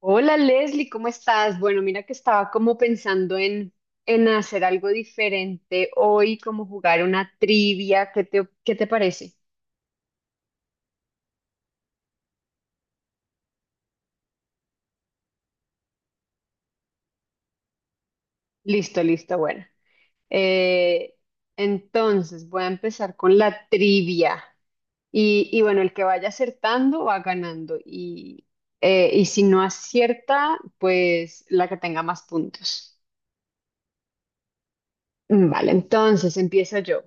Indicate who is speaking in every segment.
Speaker 1: Hola Leslie, ¿cómo estás? Bueno, mira que estaba como pensando en hacer algo diferente hoy, como jugar una trivia. ¿Qué te parece? Listo, listo, bueno. Eh, entonces, voy a empezar con la trivia. Y bueno, el que vaya acertando va ganando. Y si no acierta, pues la que tenga más puntos. Vale, entonces empiezo yo.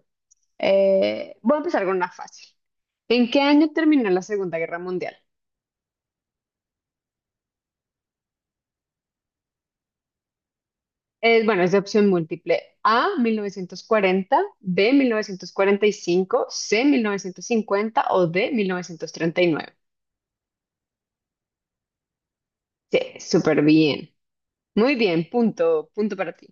Speaker 1: Voy a empezar con una fácil. ¿En qué año terminó la Segunda Guerra Mundial? Bueno, es de opción múltiple. A, 1940, B, 1945, C, 1950 o D, 1939. Sí, súper bien. Muy bien, punto, punto para ti.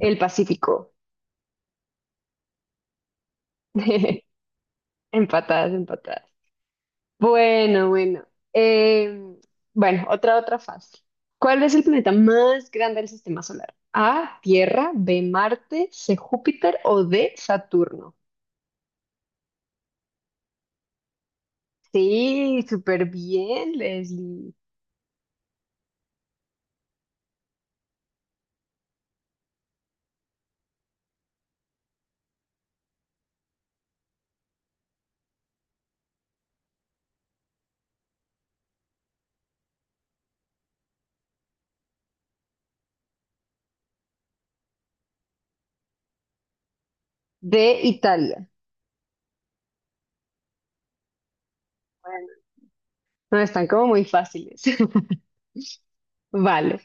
Speaker 1: El Pacífico. Empatadas, empatadas. Bueno, bueno. Em, bueno, otra, otra fácil. ¿Cuál es el planeta más grande del sistema solar? A, Tierra, B, Marte, C, Júpiter o D, Saturno. Sí, súper bien, Leslie. D, Italia. Bueno, no, están como muy fáciles. Vale.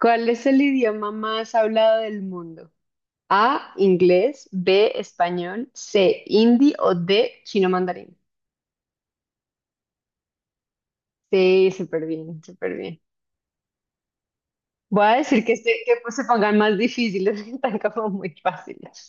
Speaker 1: ¿Cuál es el idioma más hablado del mundo? A, inglés, B, español, C, hindi o D, chino mandarín. Sí, súper bien, súper bien. Voy a decir que pues se pongan más difíciles, que están como muy fáciles.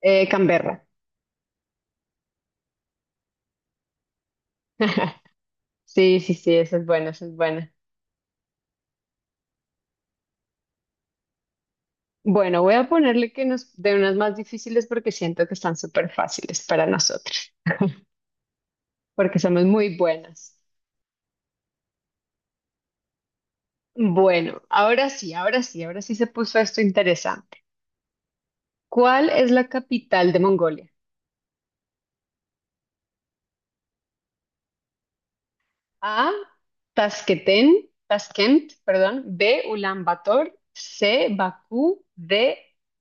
Speaker 1: Canberra. Sí, sí, sí, eso es bueno, eso es bueno. Bueno, voy a ponerle que nos de unas más difíciles porque siento que están súper fáciles para nosotros, porque somos muy buenas. Bueno, ahora sí, ahora sí, ahora sí se puso esto interesante. ¿Cuál es la capital de Mongolia? A, Tasqueten, Taskent, perdón, B, Ulan Bator. C, Bakú, D,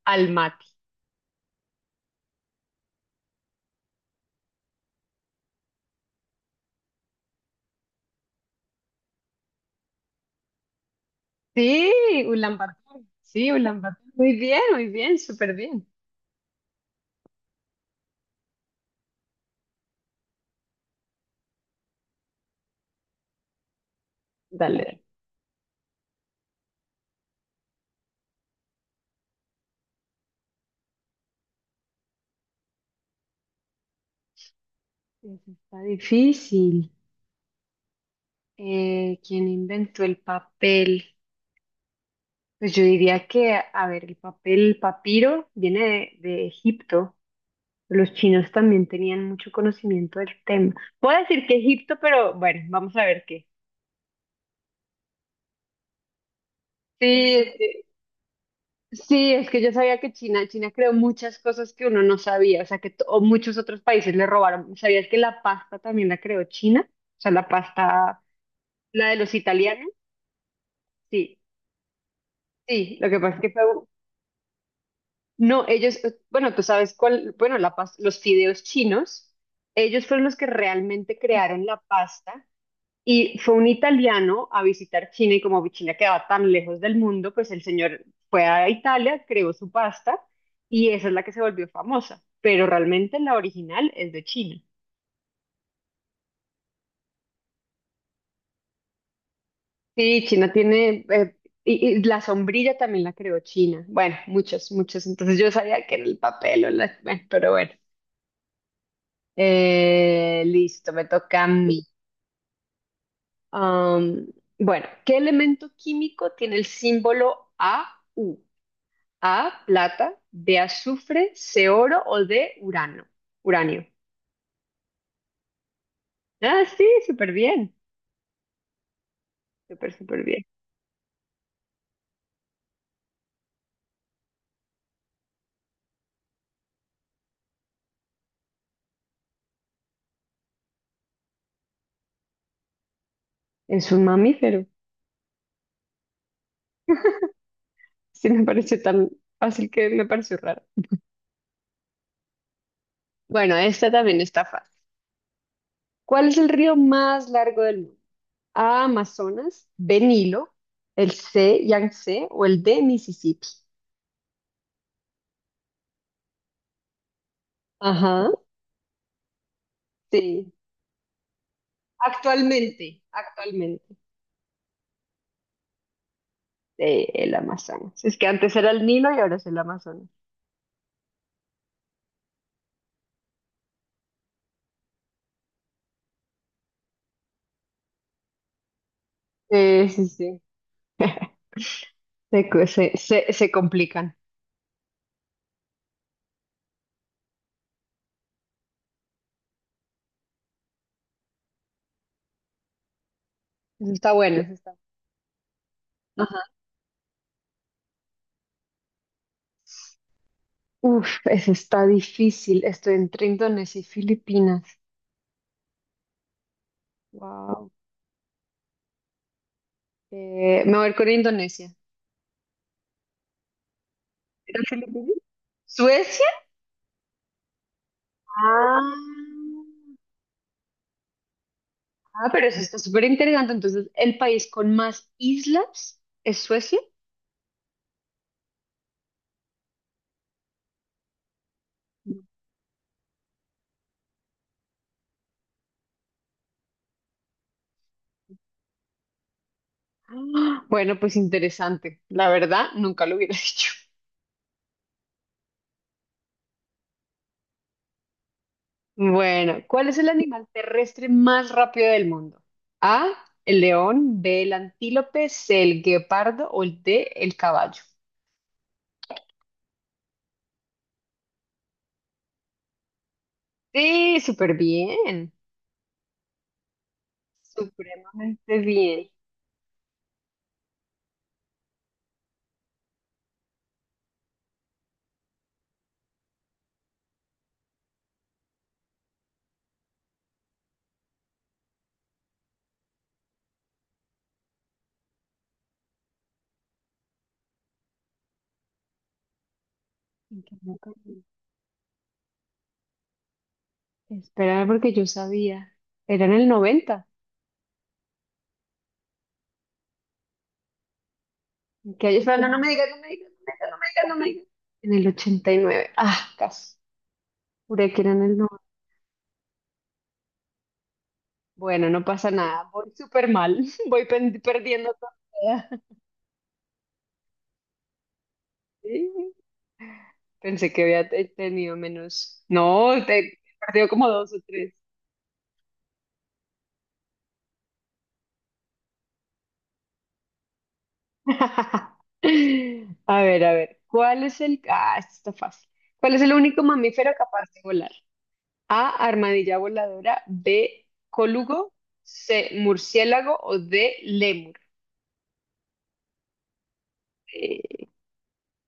Speaker 1: Almaty. Sí, Ulaanbaatar. Sí, Ulaanbaatar. Muy bien, súper bien. Dale. Eso está difícil. ¿Quién inventó el papel? Pues yo diría que, a ver, el papel, papiro, viene de Egipto. Los chinos también tenían mucho conocimiento del tema. Puedo decir que Egipto, pero bueno, vamos a ver qué. Sí, sí, sí, es que yo sabía que China creó muchas cosas que uno no sabía, o sea, que to- o muchos otros países le robaron. ¿Sabías que la pasta también la creó China? O sea, la pasta, la de los italianos, sí, sí, lo que pasa es que fue, un- no, ellos, bueno, tú sabes cuál, bueno, la pasta, los fideos chinos, ellos fueron los que realmente crearon la pasta. Y fue un italiano a visitar China y como China quedaba tan lejos del mundo, pues el señor fue a Italia, creó su pasta y esa es la que se volvió famosa. Pero realmente la original es de China. Sí, China tiene, y la sombrilla también la creó China. Bueno, muchas, muchas. Entonces yo sabía que era el papel o la, bueno, pero bueno. Listo, me toca a mí. Am, bueno, ¿qué elemento químico tiene el símbolo AU? A, plata, B, azufre, C, oro o D, urano. Uranio. Ah, sí, súper bien. Súper, súper bien. Es un mamífero. Sí, me pareció tan fácil que me pareció raro. Bueno, esta también está fácil. ¿Cuál es el río más largo del mundo? A, Amazonas, B, Nilo, el C, Yangtze o el D, Mississippi. Ajá, sí. Actualmente, actualmente, el Amazonas. Es que antes era el Nilo y ahora es el Amazonas. Sí, sí, sí. Se, co- se complican. Eso está bueno. Eso está. Ajá. Uf, eso está difícil. Estoy entre Indonesia y Filipinas. Wow. Me voy a ir con Indonesia. ¿Era Filipinas? ¿Suecia? Ah, ah, pero eso está súper interesante. Entonces, ¿el país con más islas es Suecia? Ah, bueno, pues interesante. La verdad, nunca lo hubiera dicho. Bueno, ¿cuál es el animal terrestre más rápido del mundo? A, el león, B, el antílope, C, el guepardo o el D, el caballo. Sí, súper bien, supremamente bien. ¿En qué me perdí? Espera, porque yo sabía. Era en el noventa. ¿En qué año? Espera, no, no me digas, no me digas, no me digas, no me digas. No me digas. En el 89. Ah, casi. Juré que era en el 90. Bueno, no pasa nada. Voy súper mal. Voy pen- perdiendo toda. Sí. Pensé que había te- tenido menos. No, te he perdido como dos o tres. A ver, a ver. ¿Cuál es el... Ah, esto está fácil. ¿Cuál es el único mamífero capaz de volar? A, armadilla voladora. B, colugo. C, murciélago. O D, lémur. Eh,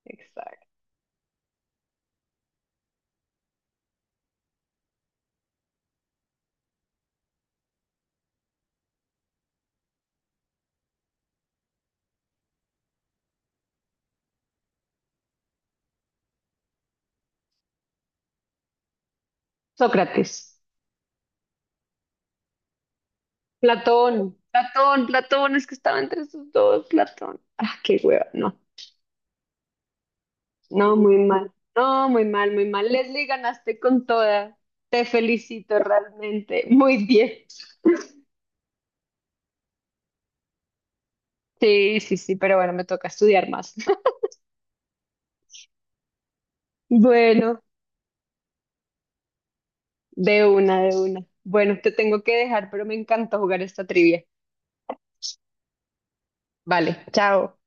Speaker 1: exacto. Sócrates. Platón. Platón, Platón. Es que estaba entre esos dos. Platón. Ah, qué hueva. No. No, muy mal. No, muy mal, muy mal. Leslie, ganaste con toda. Te felicito realmente. Muy bien. Sí, sí, sí, pero bueno, me toca estudiar más. Bueno, de una, de una. Bueno, te tengo que dejar, pero me encanta jugar esta trivia. Vale, chao.